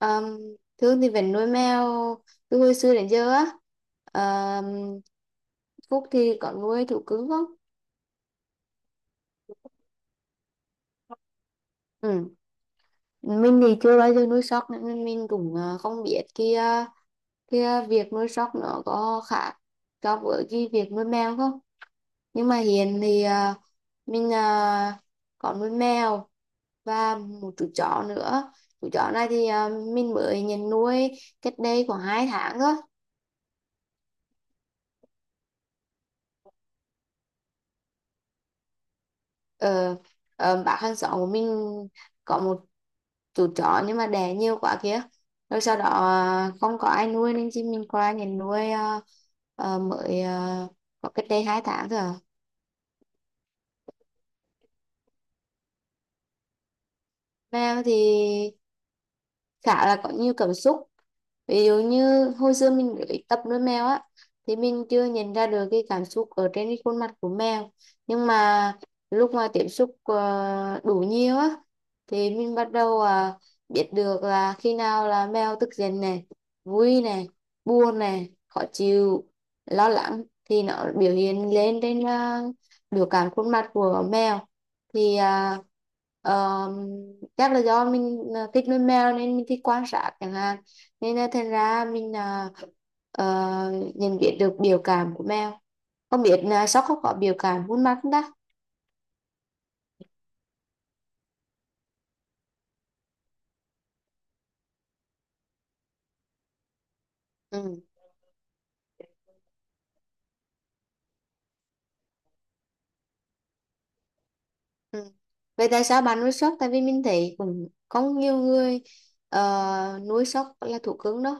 Um, Thương thì vẫn nuôi mèo từ hồi xưa đến giờ á. Ờm, Phúc thì có nuôi thú cưng không? Ừ. Mình thì chưa bao giờ nuôi sóc nên mình cũng không biết kia kia việc nuôi sóc nó có khác so với cái việc nuôi mèo không? Nhưng mà hiện thì mình có nuôi mèo và một chú chó nữa. Chú chó này thì mình mới nhận nuôi cách đây khoảng 2 tháng thôi. ờ, bác hàng xóm của mình có một chú chó nhưng mà đẻ nhiều quá kia, rồi sau đó không có ai nuôi nên chị mình qua nhà nuôi, mới có cách đây 2 tháng thôi à. Mèo thì khá là có nhiều cảm xúc. Ví dụ như hồi xưa mình mới tập nuôi mèo á thì mình chưa nhận ra được cái cảm xúc ở trên cái khuôn mặt của mèo. Nhưng mà lúc mà tiếp xúc đủ nhiều á thì mình bắt đầu biết được là khi nào là mèo tức giận này, vui này, buồn này, khó chịu, lo lắng thì nó biểu hiện lên trên biểu cảm khuôn mặt của mèo. Thì ờm, chắc là do mình thích nuôi mèo nên mình thích quan sát chẳng hạn, nên là thành ra mình ờ, nhận biết được biểu cảm của mèo. Không biết là sóc không có biểu cảm khuôn mặt không ta. Ừ. Ừ. Vậy tại sao bạn nuôi sóc? Tại vì mình thấy cũng có nhiều người nuôi sóc là thú cưng đó.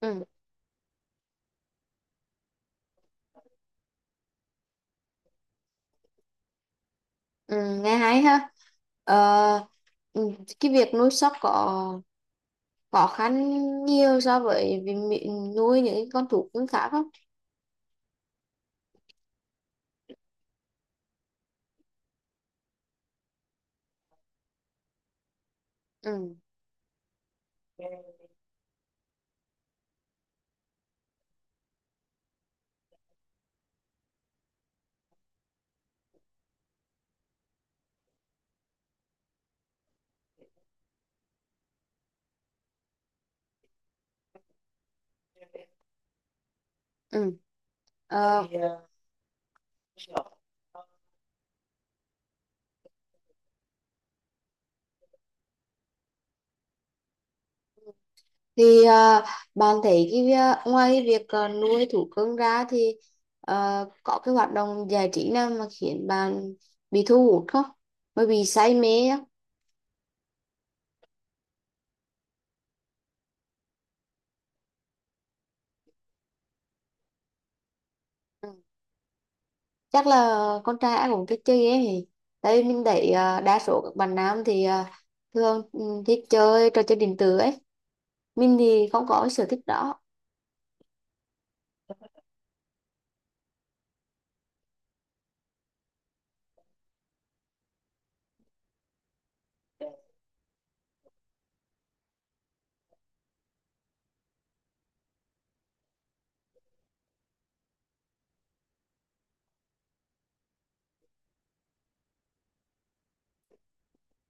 Ừ. Ừ, nghe hay ha. Ờ, ừ, cái việc nuôi sóc có khó khăn nhiều so với việc nuôi những cái con thú cưng khác không? Ừ. Ừ. Ờ, thì bạn thấy cái ngoài cái việc nuôi thú cưng ra thì có cái hoạt động giải trí nào mà khiến bạn bị thu hút không? Mới bị say mê á? Ừ. Chắc là con trai ai cũng thích chơi game. Thì tại vì mình thấy đa số các bạn nam thì thường thích chơi trò chơi điện tử ấy. Mình thì không có cái sở thích đó.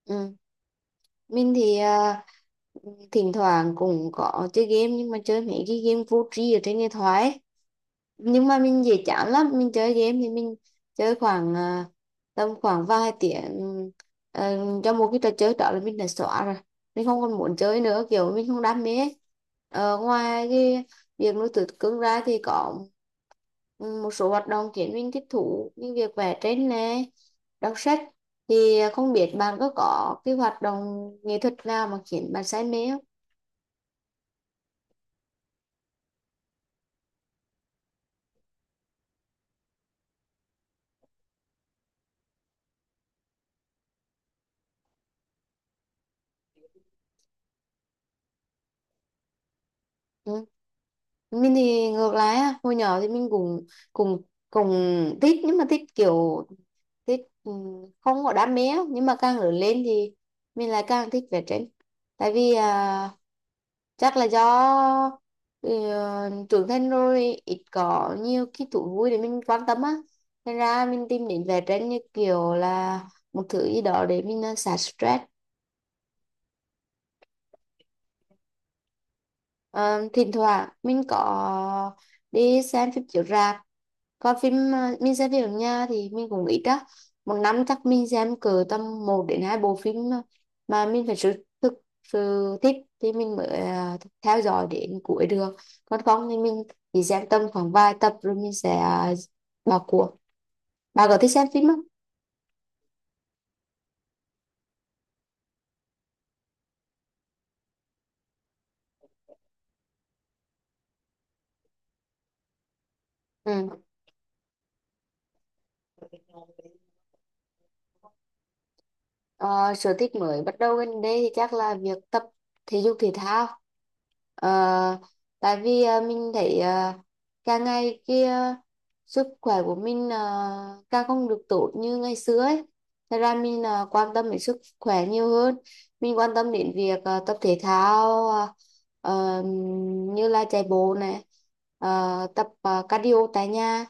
Ừ. Mình thì thỉnh thoảng cũng có chơi game, nhưng mà chơi mấy cái game vô tri ở trên điện thoại. Nhưng mà mình dễ chán lắm. Mình chơi game thì mình chơi khoảng tầm khoảng vài tiếng ờ, cho một cái trò chơi đó là mình đã xóa rồi, mình không còn muốn chơi nữa, kiểu mình không đam mê ấy. Ngoài cái việc nuôi thú cưng ra thì có ừ, một số hoạt động khiến mình thích thú như việc vẽ tranh nè, đọc sách. Thì không biết bạn có cái hoạt động nghệ thuật nào mà khiến bạn say mê không? Ừ. Mình thì ngược lại á, hồi nhỏ thì mình cũng cùng cùng thích, nhưng mà thích kiểu thích không có đam mê á. Nhưng mà càng lớn lên thì mình lại càng thích vẽ tranh. Tại vì chắc là do trưởng thành rồi ít có nhiều cái thú vui để mình quan tâm á nên ra mình tìm đến vẽ tranh như kiểu là một thứ gì đó để mình xả stress. Ờ, Thỉnh thoảng mình có đi xem phim chiếu rạp. Còn phim mình xem phim ở nhà thì mình cũng ít á. Một năm chắc mình xem cỡ tầm một đến 2 bộ phim, mà mình phải sự thực sự thích thì mình mới theo dõi đến cuối được. Còn không thì mình chỉ xem tầm khoảng vài tập rồi mình sẽ bỏ cuộc. Bà có thích xem phim không? Ừ. Ờ, Sở thích mới bắt đầu gần đây thì chắc là việc tập thể dục thể thao. Ờ, Tại vì mình thấy càng ngày kia sức khỏe của mình càng không được tốt như ngày xưa ấy. Thật ra mình quan tâm đến sức khỏe nhiều hơn. Mình quan tâm đến việc tập thể thao, ờ, như là chạy bộ này, tập cardio tại nhà,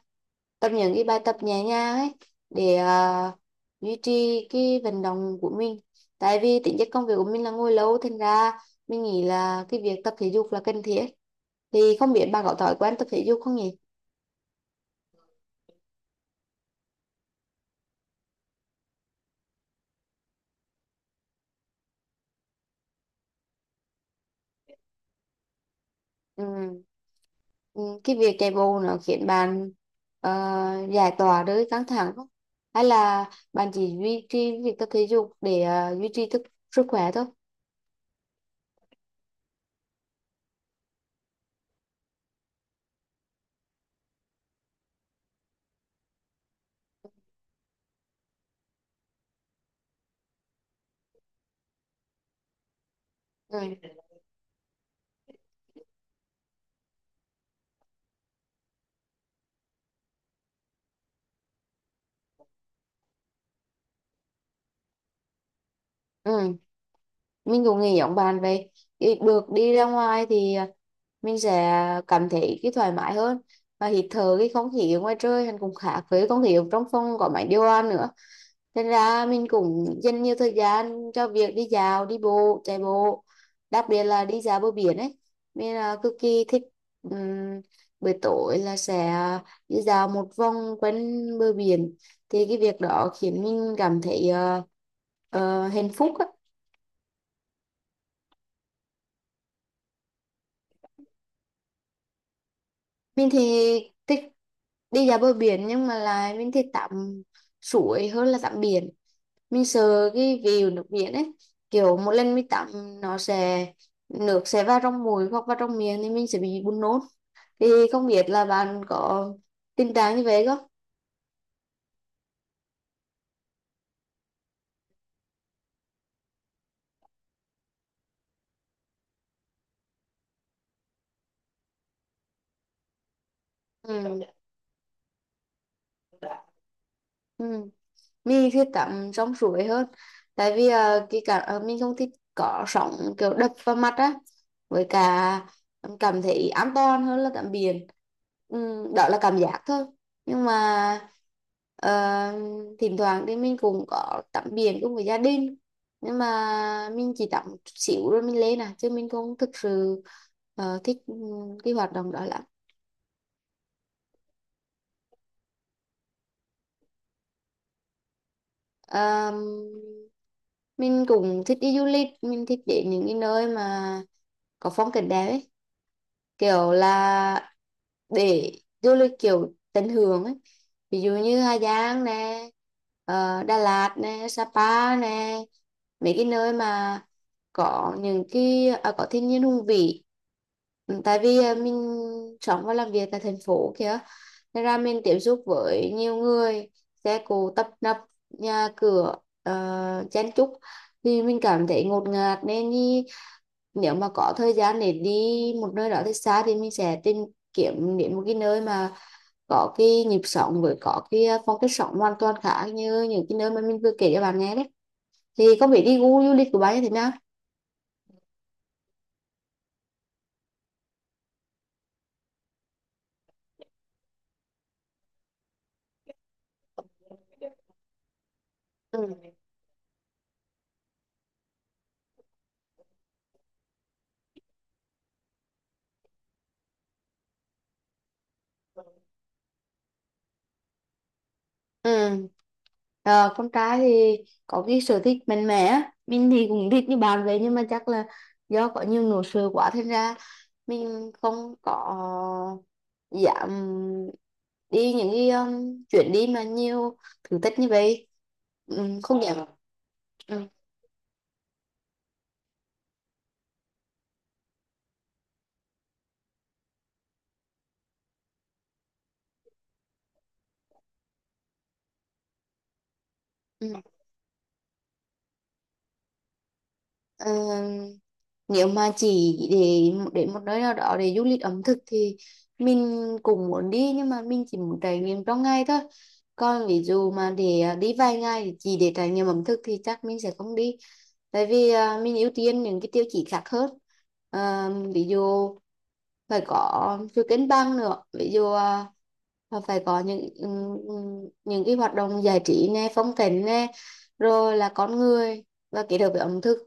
tập những cái bài tập nhẹ nhàng ấy để duy trì cái vận động của mình. Tại vì tính chất công việc của mình là ngồi lâu thành ra mình nghĩ là cái việc tập thể dục là cần thiết. Thì không biết bạn có thói quen tập thể dục không nhỉ? Ừ. Ừ, cái việc chạy bộ nó khiến bạn ờ, giải tỏa đôi căng thẳng không, hay là bạn chỉ duy trì việc tập thể dục để duy trì sức khỏe thôi? Ừ. Ừ. Mình cũng nghĩ giống bạn vậy. Thì được đi ra ngoài thì mình sẽ cảm thấy cái thoải mái hơn và hít thở cái không khí ở ngoài trời hắn cũng khác với không khí ở trong phòng có máy điều hòa nữa. Thế ra mình cũng dành nhiều thời gian cho việc đi dạo, đi bộ, chạy bộ, đặc biệt là đi dạo bờ biển ấy. Mình là cực kỳ thích, ừm, buổi tối là sẽ đi dạo một vòng quanh bờ biển. Thì cái việc đó khiến mình cảm thấy hạnh phúc á. Mình thì thích đi dạo bờ biển, nhưng mà là mình thích tắm suối hơn là tắm biển. Mình sợ cái view nước biển ấy, kiểu một lần mình tắm nó sẽ, nước sẽ vào trong mũi hoặc vào trong miệng thì mình sẽ bị buồn nôn. Thì không biết là bạn có tình trạng như vậy không? Ừ. Ừ. Mình thích tắm trong suối hơn. Tại vì cái cả mình không thích có sóng kiểu đập vào mặt á, với cả cảm thấy an toàn hơn là tắm biển. Đó là cảm giác thôi. Nhưng mà ờ, thỉnh thoảng thì mình cũng có tắm biển cùng với gia đình, nhưng mà mình chỉ tắm chút xíu rồi mình lên à, chứ mình không thực sự thích cái hoạt động đó lắm. Ờ, mình cũng thích đi du lịch. Mình thích đến những cái nơi mà có phong cảnh đẹp ấy, kiểu là để du lịch kiểu tận hưởng ấy. Ví dụ như Hà Giang nè, Đà Lạt nè, Sapa nè, mấy cái nơi mà có những cái có thiên nhiên hùng vĩ. Ừ, tại vì mình sống và làm việc tại thành phố kia nên ra mình tiếp xúc với nhiều người, xe cộ tấp nập, nhà cửa chen chúc, thì mình cảm thấy ngột ngạt nên đi, nếu mà có thời gian để đi một nơi đó thật xa thì mình sẽ tìm kiếm đến một cái nơi mà có cái nhịp sống với có cái phong cách sống hoàn toàn khác như những cái nơi mà mình vừa kể cho bạn nghe đấy. Thì không biết đi gu du lịch của bạn như thế nào? Ừ. Ừ. Ờ, con trai thì có cái sở thích mạnh mẽ á. Mình thì cũng thích như bạn vậy, nhưng mà chắc là do có nhiều nỗi sợ quá thành ra mình không có dám đi những cái chuyến đi mà nhiều thử thách như vậy. Không dám. Ừ. Ừ. Ờ, Nếu mà chỉ để đến một nơi nào đó để du lịch ẩm thực thì mình cũng muốn đi, nhưng mà mình chỉ muốn trải nghiệm trong ngày thôi. Còn ví dụ mà để đi vài ngày để chỉ để trải nghiệm ẩm thực thì chắc mình sẽ không đi, tại vì mình ưu tiên những cái tiêu chí khác hơn. Ví dụ phải có sự cân băng nữa, ví dụ là phải có những cái hoạt động giải trí nè, phong cảnh nè, rồi là con người, và kết hợp với ẩm thực.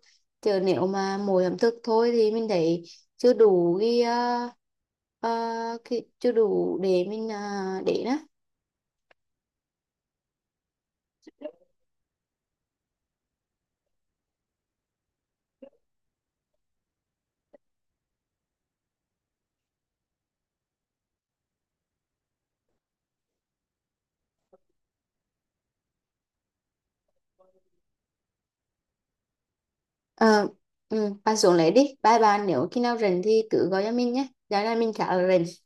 Chứ nếu mà mỗi ẩm thực thôi thì mình thấy chưa đủ cái, à, cái chưa đủ để mình để đó. Ờ, ừ, ba xuống lấy đi bye bạn. Nếu khi nào rảnh thì cứ gọi cho mình nhé, giờ này mình trả rảnh.